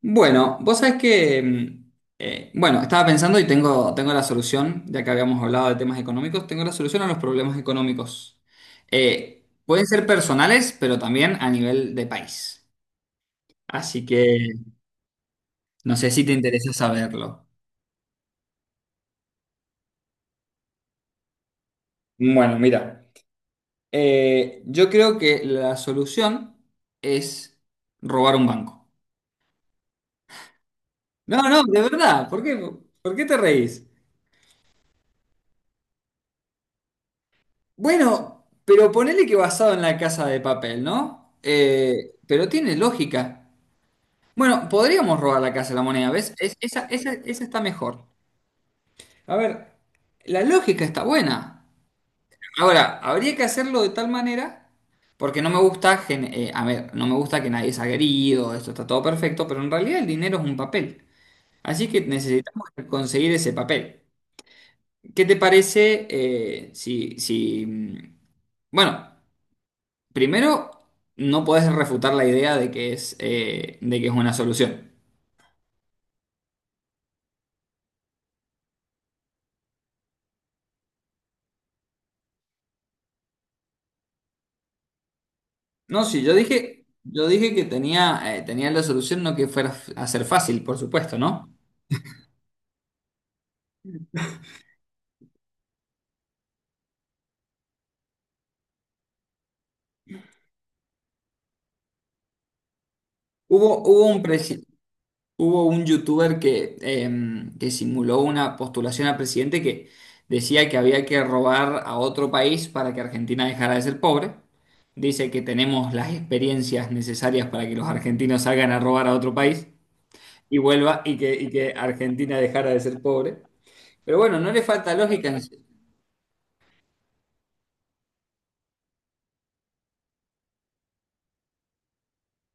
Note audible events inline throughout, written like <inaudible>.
Bueno, vos sabés que, bueno, estaba pensando y tengo la solución, ya que habíamos hablado de temas económicos, tengo la solución a los problemas económicos. Pueden ser personales, pero también a nivel de país. Así que no sé si te interesa saberlo. Bueno, mira, yo creo que la solución es robar un banco. No, no, de verdad, ¿por qué te reís? Bueno, pero ponele que basado en la casa de papel, ¿no? Pero tiene lógica. Bueno, podríamos robar la casa de la moneda, ¿ves? Esa está mejor. A ver, la lógica está buena. Ahora, habría que hacerlo de tal manera, porque no me gusta, gen- a ver, no me gusta que nadie sea agredido, esto está todo perfecto, pero en realidad el dinero es un papel. Así que necesitamos conseguir ese papel. ¿Qué te parece bueno? Primero, no puedes refutar la idea de de que es una solución. No, sí, yo dije que tenía la solución, no que fuera f- a ser fácil, por supuesto, ¿no? Hubo, hubo un, presi- hubo un youtuber que, que simuló una postulación a presidente que decía que había que robar a otro país para que Argentina dejara de ser pobre. Dice que tenemos las experiencias necesarias para que los argentinos salgan a robar a otro país, y vuelva y que Argentina dejara de ser pobre. Pero bueno, no le falta lógica. En-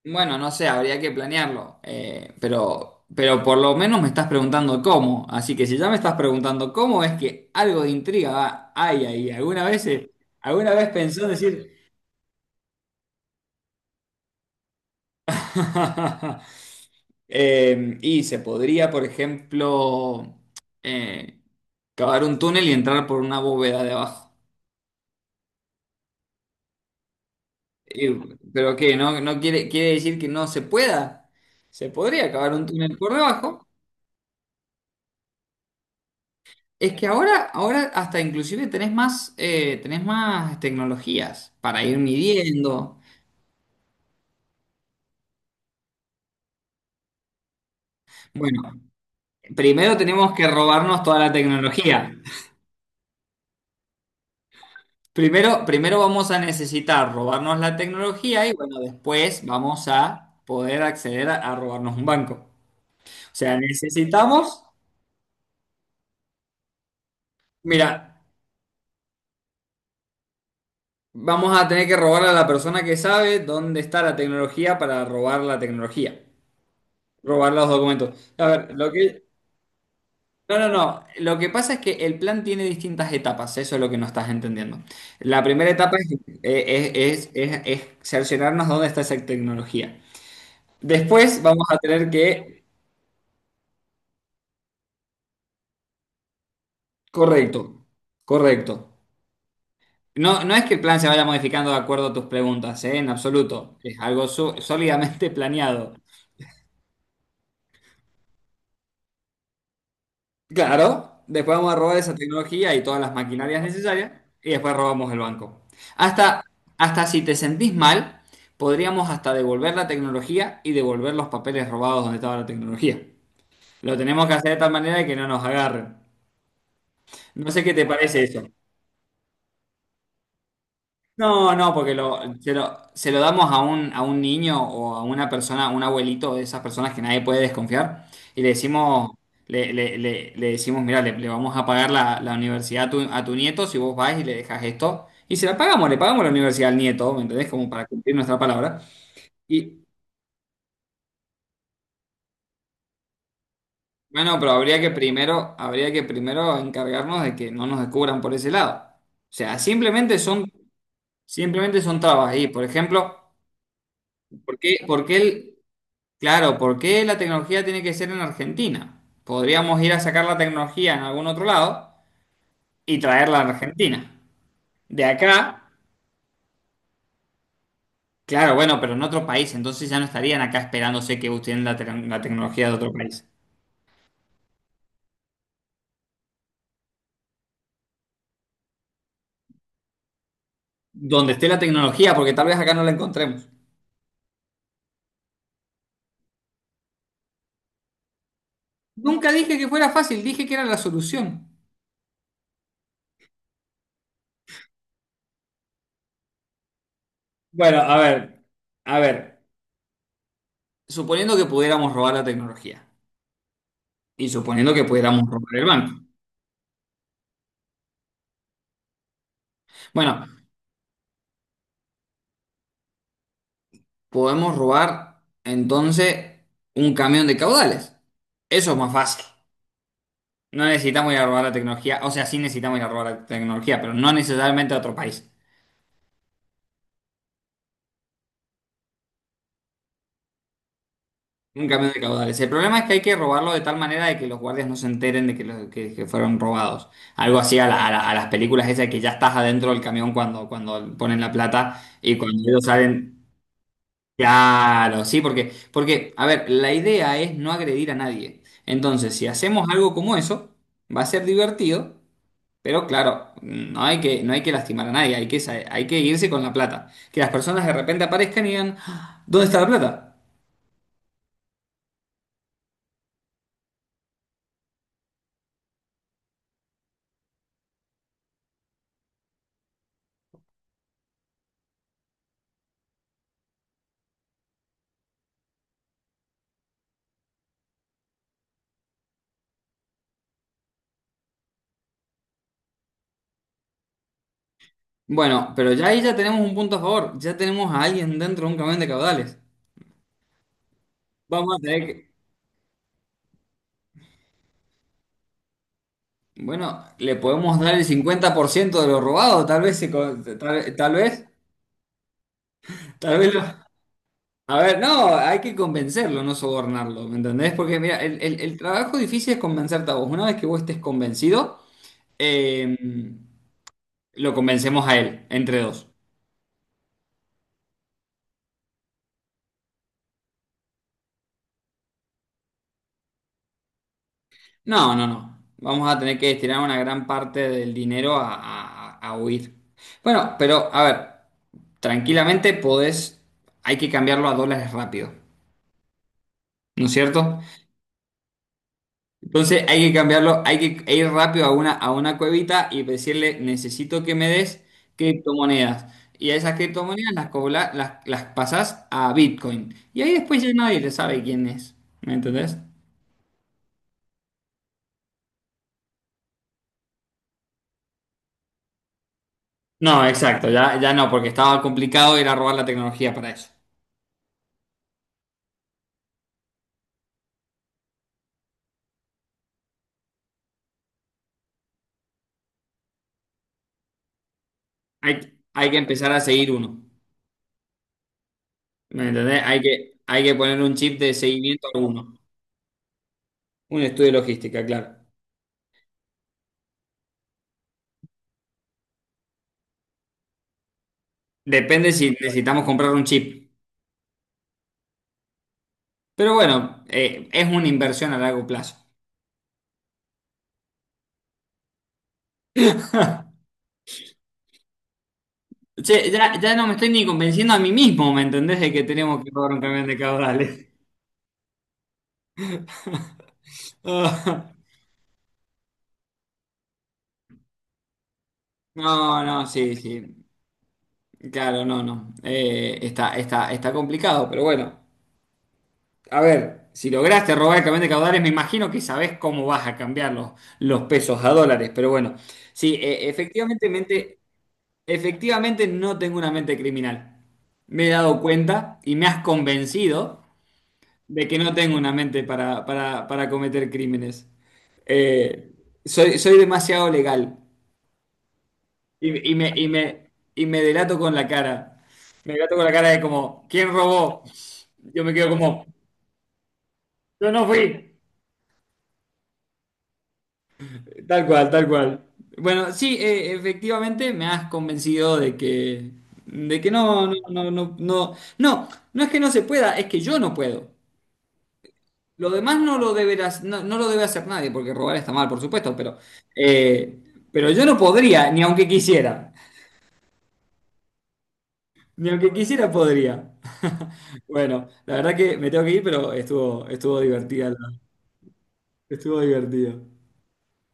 bueno, no sé, habría que planearlo. Pero por lo menos me estás preguntando cómo. Así que si ya me estás preguntando cómo, es que algo de hay ahí. ¿Alguna alguna vez pensó decir... <laughs> Y se podría, por ejemplo, eh, cavar un túnel y entrar por una bóveda de abajo. Eh, pero qué, no, no quiere, quiere decir que no se pueda. Se podría acabar un túnel por debajo. Es que ahora hasta inclusive tenés más tecnologías para ir midiendo. Bueno, primero tenemos que robarnos toda la tecnología. Primero vamos a necesitar robarnos la tecnología y bueno, después vamos a poder acceder a robarnos un banco. O sea, necesitamos, mira, vamos a tener que robarle a la persona que sabe dónde está la tecnología para robar la tecnología. Robar los documentos. A ver, lo que... No, no, no. Lo que pasa es que el plan tiene distintas etapas. Eso es lo que no estás entendiendo. La primera etapa eh, es cerciorarnos dónde está esa tecnología. Después vamos a tener que... Correcto. Correcto. No, no es que el plan se vaya modificando de acuerdo a tus preguntas, ¿eh? En absoluto. Es algo su- sólidamente <laughs> planeado. Claro, después vamos a robar esa tecnología y todas las maquinarias necesarias y después robamos el banco. Hasta, hasta si te sentís mal, podríamos hasta devolver la tecnología y devolver los papeles robados donde estaba la tecnología. Lo tenemos que hacer de tal manera de que no nos agarren. No sé qué te parece eso. No, no, porque se lo damos a a un niño o a una persona, a un abuelito de esas personas que nadie puede desconfiar, y le decimos, le decimos, mira, le vamos a pagar la universidad a a tu nieto si vos vas y le dejas esto, y se la pagamos, le pagamos la universidad al nieto, ¿me entendés? Como para cumplir nuestra palabra. Y bueno, pero habría que primero encargarnos de que no nos descubran por ese lado. O sea, simplemente son trabas ahí. Por ejemplo, ¿por qué el- claro, ¿por qué la tecnología tiene que ser en Argentina? Podríamos ir a sacar la tecnología en algún otro lado y traerla a Argentina. De acá, claro, bueno, pero en otro país, entonces ya no estarían acá esperándose que usen la tecnología de otro país. Donde esté la tecnología, porque tal vez acá no la encontremos. Nunca dije que fuera fácil, dije que era la solución. Bueno, a ver, suponiendo que pudiéramos robar la tecnología y suponiendo que pudiéramos robar el banco. Bueno, podemos robar entonces un camión de caudales. Eso es más fácil. No necesitamos ir a robar la tecnología, o sea, sí necesitamos ir a robar la tecnología, pero no necesariamente a otro país. Un camión de caudales. El problema es que hay que robarlo de tal manera de que los guardias no se enteren de que fueron robados. Algo así a las películas esas que ya estás adentro del camión cuando ponen la plata y cuando ellos salen. Porque, a ver, la idea es no agredir a nadie. Entonces, si hacemos algo como eso, va a ser divertido, pero claro, no hay que lastimar a nadie, hay que irse con la plata. Que las personas de repente aparezcan y digan, "Ah, ¿dónde está la plata?" Bueno, pero ya ahí ya tenemos un punto a favor, ya tenemos a alguien dentro de un camión de caudales. Vamos a tener que, bueno, le podemos dar el 50% de lo robado, tal vez, tal vez, lo- a ver, no, hay que convencerlo, no sobornarlo, ¿me entendés? Porque mira, el trabajo difícil es convencerte a vos. Una vez que vos estés convencido, eh, lo convencemos a él, entre dos. No, no, no. Vamos a tener que destinar una gran parte del dinero a huir. Bueno, pero a ver, tranquilamente podés, hay que cambiarlo a dólares rápido, ¿no es cierto? Entonces hay que cambiarlo, hay que ir rápido a a una cuevita y decirle, necesito que me des criptomonedas. Y a esas criptomonedas las pasás a Bitcoin. Y ahí después ya nadie le sabe quién es. ¿Me entendés? No, exacto, ya no, porque estaba complicado ir a robar la tecnología para eso. Hay que empezar a seguir uno. ¿Me entendés? Hay que poner un chip de seguimiento a uno. Un estudio de logística, claro. Depende si necesitamos comprar un chip. Pero bueno, es una inversión a largo plazo. Che, ya no me estoy ni convenciendo a mí mismo, ¿me entendés? De que tenemos que pagar un camión de caudales. <laughs> Ah, no, no, sí, sí. Claro, no, no. Está está complicado, pero bueno. A ver, si lograste robar el camión de caudales, me imagino que sabés cómo vas a cambiar los pesos a dólares, pero bueno. Sí, efectivamente no tengo una mente criminal. Me he dado cuenta y me has convencido de que no tengo una mente para cometer crímenes. Eh, soy demasiado legal y me delato con la cara. Me delato con la cara de como, ¿quién robó? Yo me quedo como, yo no fui. Tal cual, tal cual. Bueno, sí, efectivamente me has convencido de que, de que no es que no se pueda, es que yo no puedo. Lo demás no lo deberás, no, no lo debe hacer nadie, porque robar está mal, por supuesto, eh, pero yo no podría, ni aunque quisiera. Ni aunque quisiera podría. <laughs> Bueno, la verdad que me tengo que ir, pero estuvo divertida la- estuvo divertido.